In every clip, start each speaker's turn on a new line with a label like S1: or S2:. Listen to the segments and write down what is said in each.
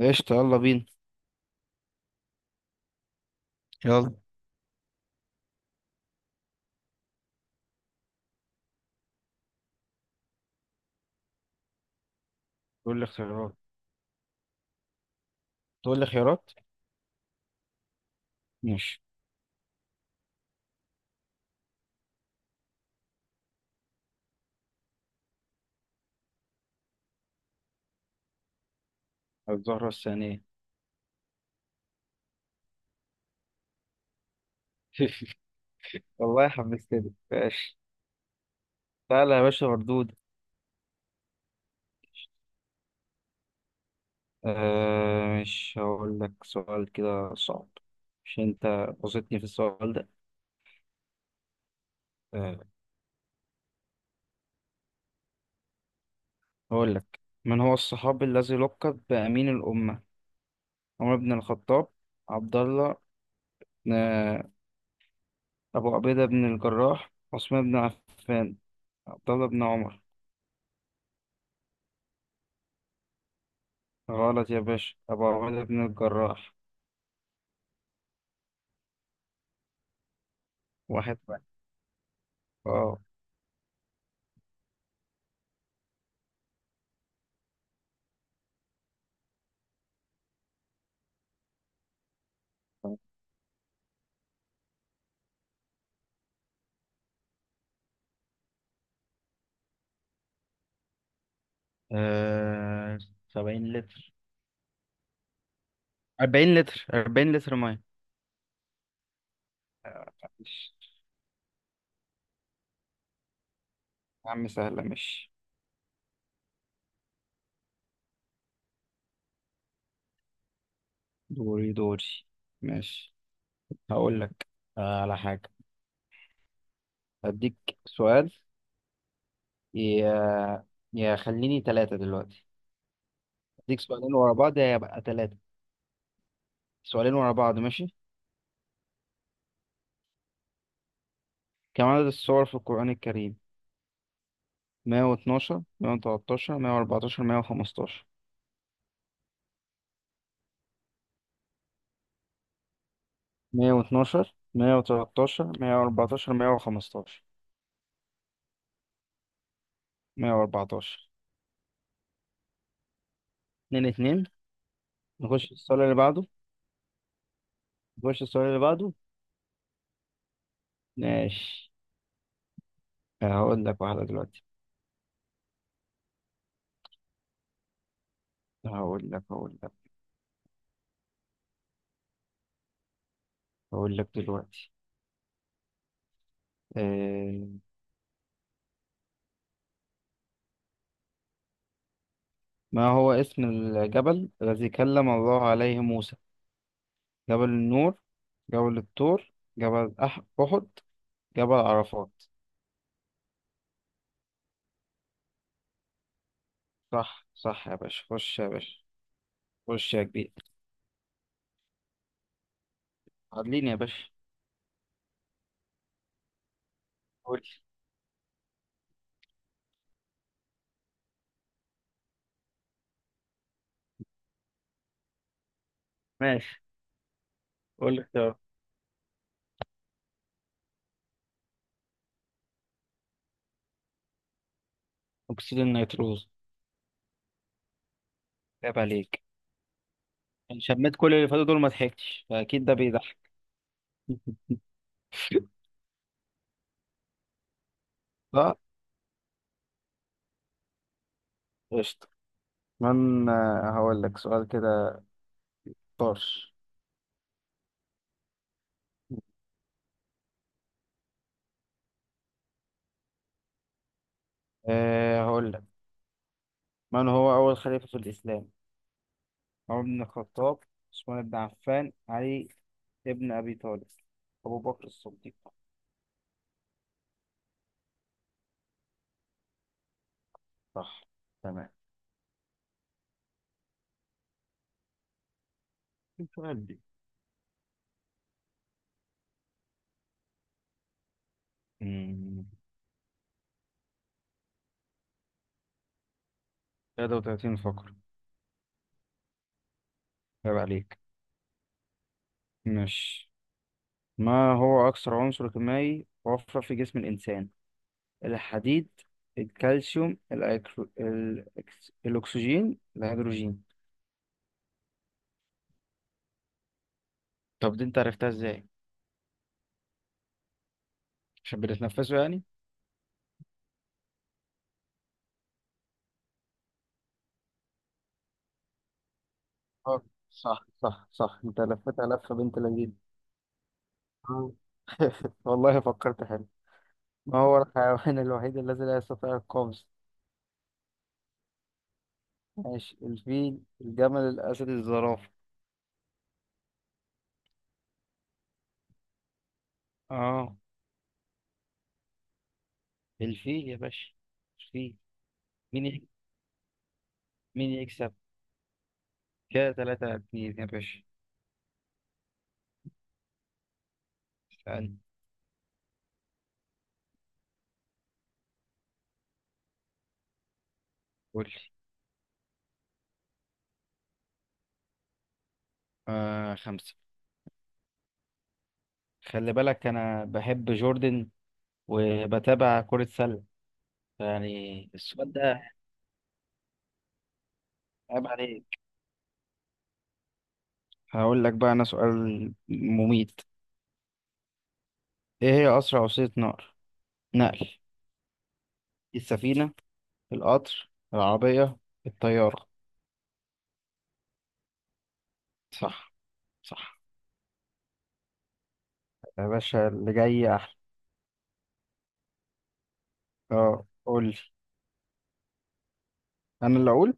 S1: قشطة، يلا بينا. يلا، تقول لي اختيارات. تقول لي خيارات. ماشي. الزهرة الثانية. والله حمستني، ماشي. تعالى يا باشا مردود. مش هقول لك سؤال كده صعب. مش انت بصيتني في السؤال ده؟ آه هقول لك: من هو الصحابي الذي لقب بأمين الأمة؟ عمر بن الخطاب، عبد الله، آه أبو عبيدة بن الجراح، عثمان بن عفان، عبد الله بن عمر. غلط يا باشا، أبو عبيدة بن الجراح. واحد واحد. اه. آه... 70 لتر. 40 لتر. 40 لتر ميه. ماشي. يا عم سهلة، ماشي. دوري دوري. ماشي، هقول لك على حاجة. أديك سؤال، يا يا خليني ثلاثة دلوقتي. أديك سؤالين ورا بعض، يا يبقى ثلاثة. سؤالين ورا بعض، ماشي. كم عدد السور في القرآن الكريم؟ 112، 113، 114، 115. 112، 113، 114، 115. 114. 114. 2 2. نخش السؤال اللي بعده. نخش السؤال اللي بعده. ماشي، هقول لك واحدة دلوقتي. هقول لك هقول لك هقول لك دلوقتي. آه، ما هو اسم الجبل الذي كلم الله عليه موسى؟ جبل النور، جبل الطور، أحد، جبل عرفات. صح صح يا باشا، خش يا باشا، خش يا كبير. عدليني يا باشا. قول لي. ماشي. قول لي اختيار. أكسيد النيتروز. عيب عليك، أنا شميت كل اللي فاتوا دول ما ضحكتش، فأكيد ده بيضحك. صح. قشطة. من آه، هقول لك سؤال كده طرش. أه هقول لك: من هو أول خليفة في الإسلام؟ عمر بن الخطاب، عثمان بن عفان، علي ابن أبي طالب، أبو بكر الصديق. صح، تمام. السؤال دي. مم. 33 فقرة. عيب عليك. مش، ما هو أكثر عنصر كيميائي موفر في جسم الإنسان؟ الحديد، الكالسيوم، الأكسجين، الهيدروجين. طب دي أنت عرفتها إزاي؟ عشان بنتنفسه يعني. آه، صح صح صح، انت لفتها لفة بنت لذينه. آه. والله فكرت حلو. ما هو الحيوان الوحيد الذي لا يستطيع القفز؟ ماشي، الفيل، الجمل، الأسد، الزرافة. اه، الفيل يا باشا، الفيل. مين يك- مين يكسب؟ كده تلاتة اتنين يا باشا. اسألني. قول لي. آه، خمسة. خلي بالك أنا بحب جوردن وبتابع كرة سلة، يعني السؤال ده. عيب عليك. هقول لك بقى أنا سؤال مميت. إيه هي أسرع وسيلة نقل؟ نقل. السفينة، القطر العربية، الطيارة. صح صح يا باشا، اللي جاي أحلى. أه قول لي، أنا اللي أقول.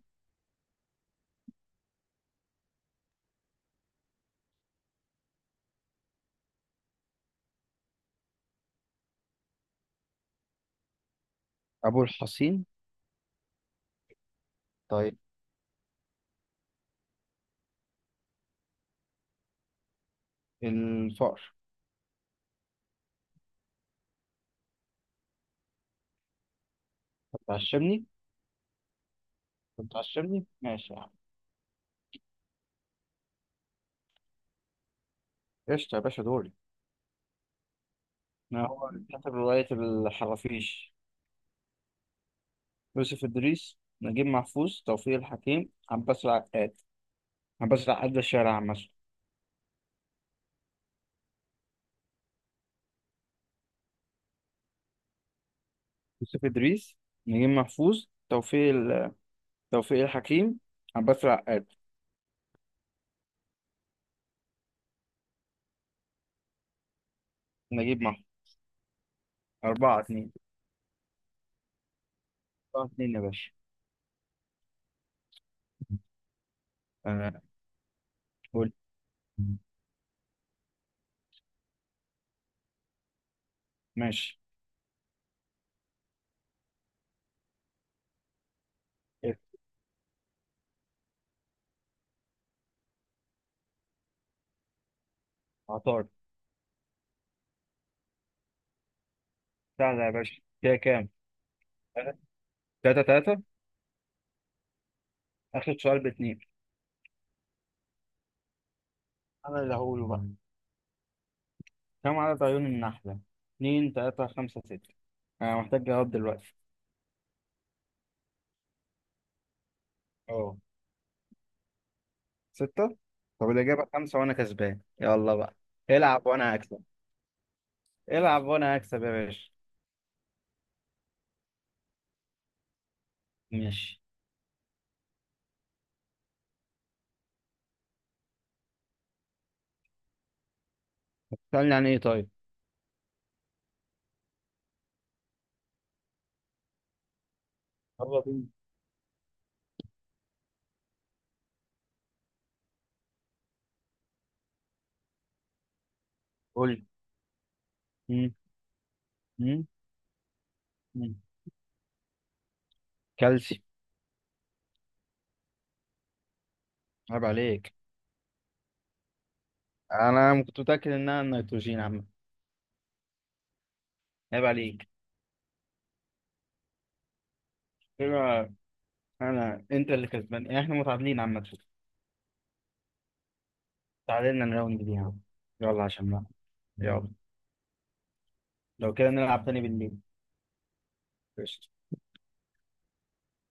S1: أبو الحصين؟ طيب. الفقر. هتعشمني. هتعشمني، ماشي يا عم. قشطة يا باشا، دوري. أنا هو كاتب رواية الحرافيش: يوسف إدريس، نجيب محفوظ، توفيق الحكيم، عباس العقاد. عباس العقاد ده الشاعر عامة. يوسف إدريس، نجيب محفوظ، توفيق الحكيم، عباس العقاد. نجيب محفوظ. أربعة اتنين. أربعة اتنين يا باشا. آه. قول. ماشي. إيه. عطار. سهلة يا باشا، كده كام؟ تلاتة تلاتة. آخر سؤال باتنين. أنا اللي هقوله بقى. كم عدد عيون النحلة؟ اتنين، تلاتة، خمسة، ستة. أنا محتاج جواب دلوقتي. أه، ستة. طب الإجابة خمسة، وأنا كسبان يلا بقى. العب وأنا هكسب. العب وأنا هكسب يا باشا. ماشي، سألني عن إيه طيب؟ يلا بينا. قول لي. مم. مم. كالسيوم. عيب عليك. انا كنت متاكد انها النيتروجين عم. عيب عليك. انا انا انت اللي كسبان يعني، احنا متعادلين عامه. تعادلنا الراوند دي يا عم. يلا عشان بقى. يلا. لو كده نلعب تاني بالليل. قشطة.